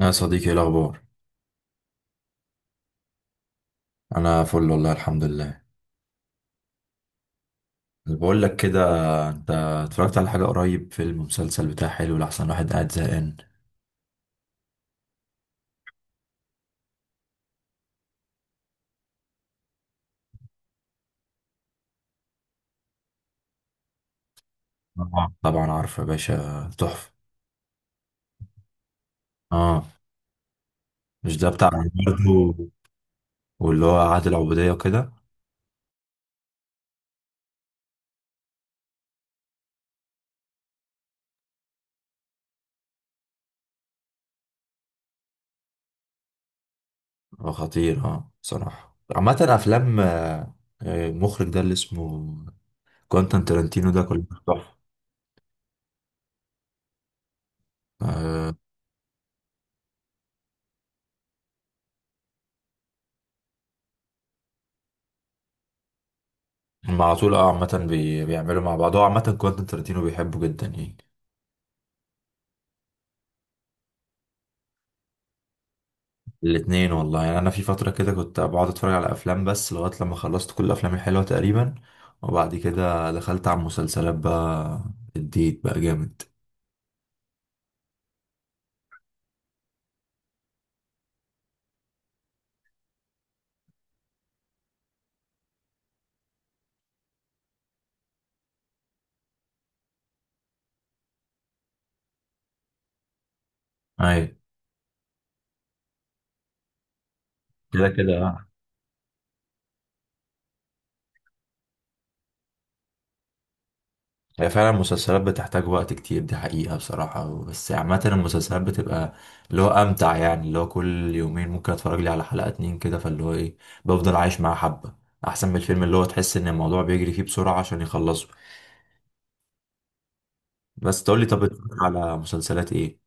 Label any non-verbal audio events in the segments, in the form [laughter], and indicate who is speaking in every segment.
Speaker 1: يا صديقي، ايه الاخبار؟ انا فل والله، الحمد لله. اللي بقول لك كده، انت اتفرجت على حاجه قريب؟ فيلم، مسلسل، بتاع حلو لاحسن واحد قاعد زهقان. طبعا طبعا عارف يا باشا، تحفه. اه، مش ده بتاع؟ برضه. واللي هو عادل العبوديه وكده. خطير. اه بصراحه عامه افلام. المخرج ده اللي اسمه كوانتان ترنتينو، ده كله تحفه. آه، هم على طول. اه عامة، بيعملوا مع بعض. هو عامة كوانتين ترنتينو بيحبه جدا يعني. الاتنين والله. يعني انا في فترة كده كنت بقعد اتفرج على افلام، بس لغاية لما خلصت كل الافلام الحلوة تقريبا. وبعد كده دخلت على المسلسلات بقى، اديت بقى جامد. اي. كده كده، آه. هي فعلا المسلسلات بتحتاج وقت كتير، دي حقيقة بصراحة. بس عامة المسلسلات بتبقى اللي هو امتع، يعني اللي هو كل يومين ممكن اتفرج لي على حلقة، اتنين كده، فاللي هو ايه، بفضل عايش معاه حبة. احسن من الفيلم، اللي هو تحس ان الموضوع بيجري فيه بسرعة عشان يخلصه. بس تقول لي، طب بتتفرج على مسلسلات ايه؟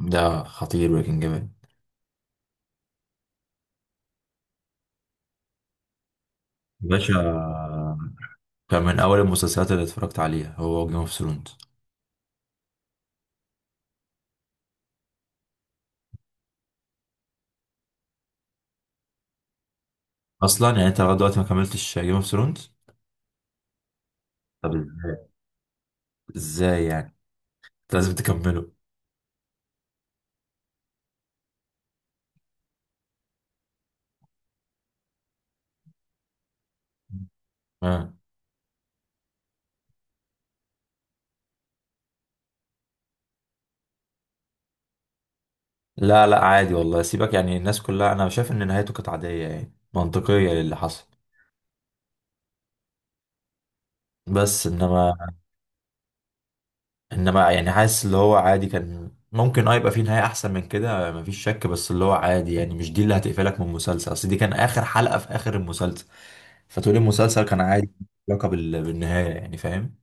Speaker 1: ده خطير بريكنج باد. باشا، كان من اول المسلسلات اللي اتفرجت عليها هو جيم اوف ثرونز. اصلا يعني انت لغايه دلوقتي ما كملتش جيم اوف ثرونز؟ طب ازاي؟ ازاي يعني؟ انت لازم تكمله. [laughs] آه. لا لا، عادي والله، سيبك. يعني الناس كلها، انا شايف ان نهايته كانت عاديه يعني منطقيه للي حصل. بس انما، يعني حاسس اللي هو عادي. كان ممكن يبقى فيه نهاية احسن من كده، مفيش شك. بس اللي هو عادي، يعني مش دي اللي هتقفلك من المسلسل، اصل دي كان اخر حلقة في اخر المسلسل، فتقول المسلسل كان عادي، علاقة بالنهاية، يعني فاهم؟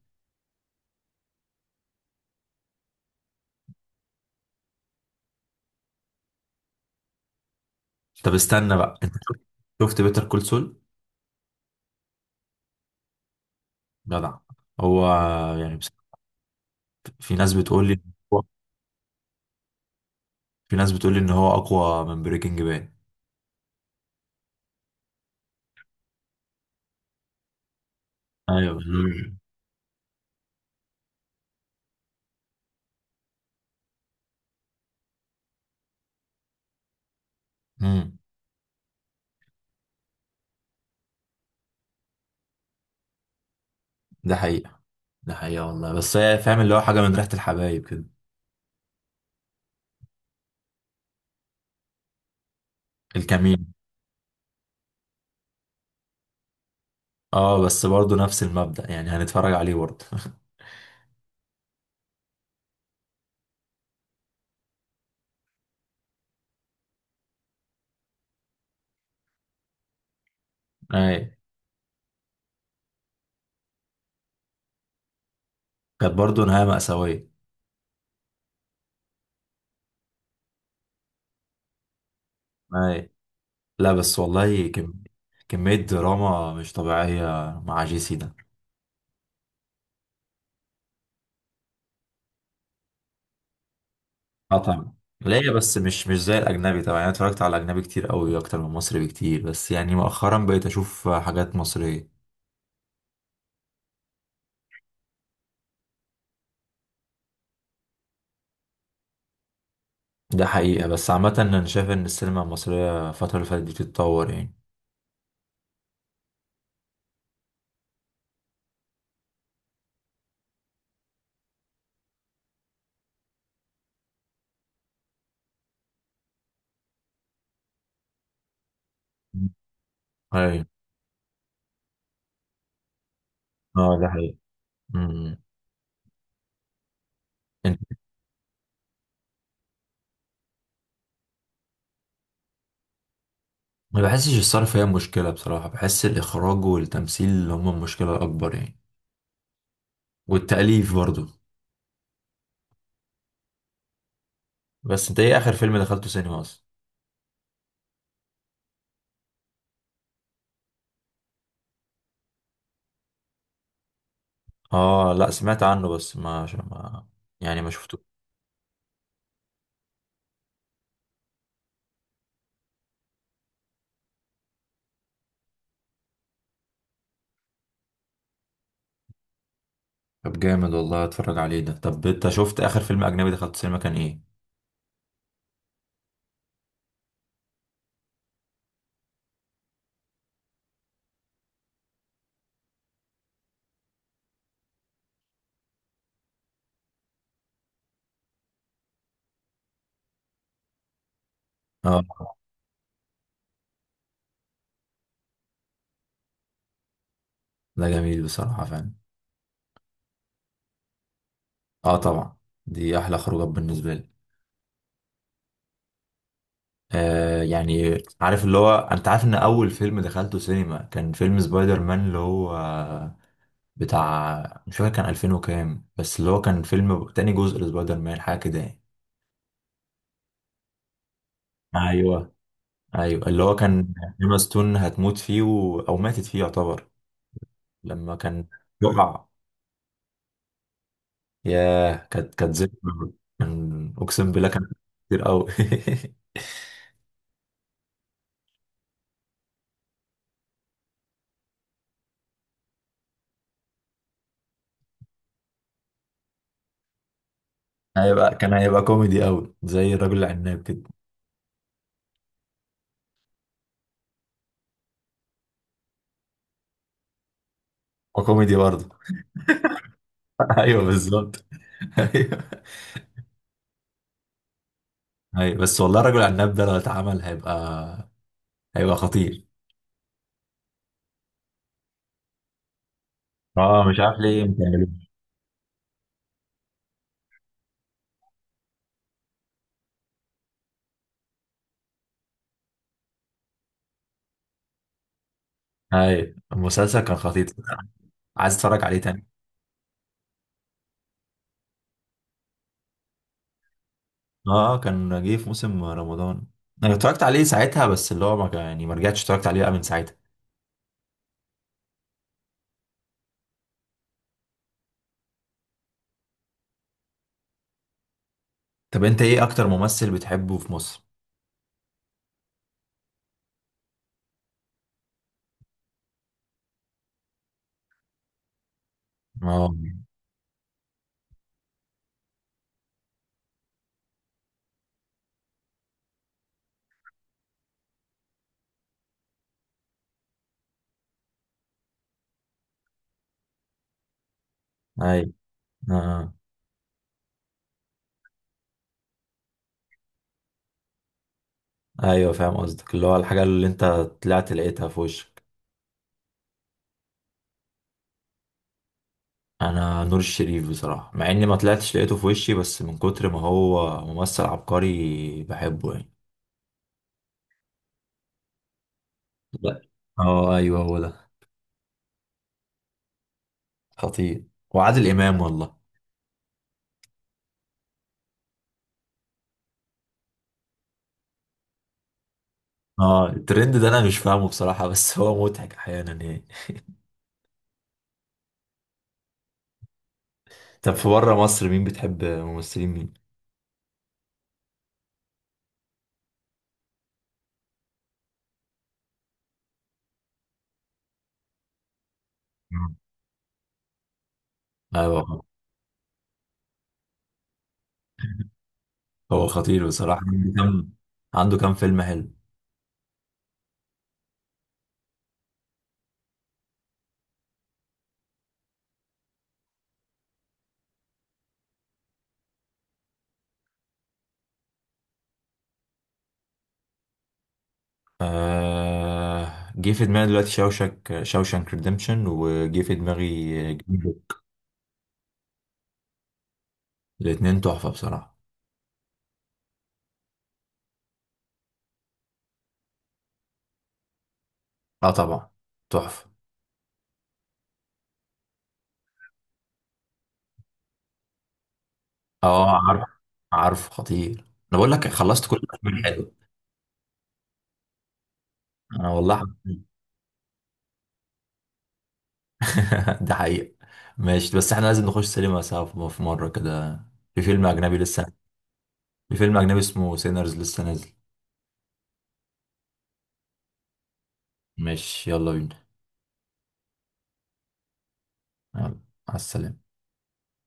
Speaker 1: طب استنى بقى، انت شفت؟ شفت بيتر كول سول؟ جدع. هو يعني بس، في ناس بتقول لي في ناس بتقول لي ان هو اقوى من بريكنج باد. ايوه. امم. ده حقيقة، ده حقيقة والله. بس هي فاهم اللي هو حاجة من ريحة الحبايب كده. الكمين. اه بس برضه نفس المبدأ، يعني هنتفرج عليه برضه. [laughs] اي. كانت برضه نهاية مأساوية. اي. لا بس والله، كمية دراما مش طبيعية مع جي سي ده. اه طبعا. ليا بس مش زي الأجنبي طبعا. أنا اتفرجت على الأجنبي كتير قوي، أكتر من مصري بكتير، بس يعني مؤخرا بقيت أشوف حاجات مصرية. ده حقيقة، بس عامة أنا شايف إن السينما المصرية الفترة اللي فاتت دي بتتطور يعني. أي. اه ده حقيقة. أمم. ما بحسش الصرف هي مشكلة بصراحة، بحس الإخراج والتمثيل اللي هما المشكلة الأكبر يعني، والتأليف برضو. بس أنت إيه آخر فيلم دخلته سينما أصلا؟ آه لأ، سمعت عنه، بس ما يعني ما شفته. طب جامد والله، أتفرج عليه ده. طب أنت شفت آخر فيلم أجنبي دخلته سينما كان إيه؟ آه ده جميل بصراحة فعلا. آه طبعا، دي أحلى خروجات بالنسبة لي. يعني عارف اللي هو، أنت عارف إن أول فيلم دخلته سينما كان فيلم سبايدر مان، اللي هو بتاع، مش فاكر، كان 2000 وكام، بس اللي هو كان فيلم تاني جزء لسبايدر مان حاجة كده يعني. ايوه. ايوه اللي هو كان، ايما ستون هتموت فيه، او ماتت فيه يعتبر، لما كان وقع. ياه، كانت ذكرى. اقسم بالله كان كتير قوي. [laughs] كان هيبقى كوميدي قوي زي الرجل العناب كده. وكوميدي برضه. [laughs] ايوه بالظبط. [laughs] ايوه. ايوه بس والله الرجل العناب ده لو اتعمل، هيبقى خطير. اه مش عارف ليه. اي المسلسل كان خطير. عايز اتفرج عليه تاني. اه كان جه في موسم رمضان. انا اتفرجت عليه ساعتها، بس اللي هو ما كان- يعني ما رجعتش اتفرجت عليه بقى من ساعتها. طب انت ايه اكتر ممثل بتحبه في مصر؟ اه. اي. آه. ايوه فاهم قصدك، اللي هو الحاجه اللي انت طلعت لقيتها في وشك. انا نور الشريف بصراحه، مع اني ما طلعتش لقيته في وشي، بس من كتر ما هو ممثل عبقري بحبه يعني. لا. اه ايوه هو ده، خطير. وعادل امام والله. اه الترند ده انا مش فاهمه بصراحة، بس هو مضحك احيانا يعني. طب في بره مصر، مين بتحب ممثلين مين؟ مم. ايوه. هو خطير بصراحة، عنده كام فيلم حلو. جه في دماغي دلوقتي شوشانك ريديمشن، وجه في دماغي جون ويك. الاتنين تحفة بصراحة. اه طبعا، تحفة. اه عارف، خطير. انا بقول لك خلصت كل الافلام الحلوة. انا والله. [laughs] ده حقيقة. ماشي، بس احنا لازم نخش سينما سوا، في مرة كده. في فيلم أجنبي لسه في فيلم أجنبي اسمه سينرز لسه نازل. ماشي يلا بينا. يلا. مع السلامة.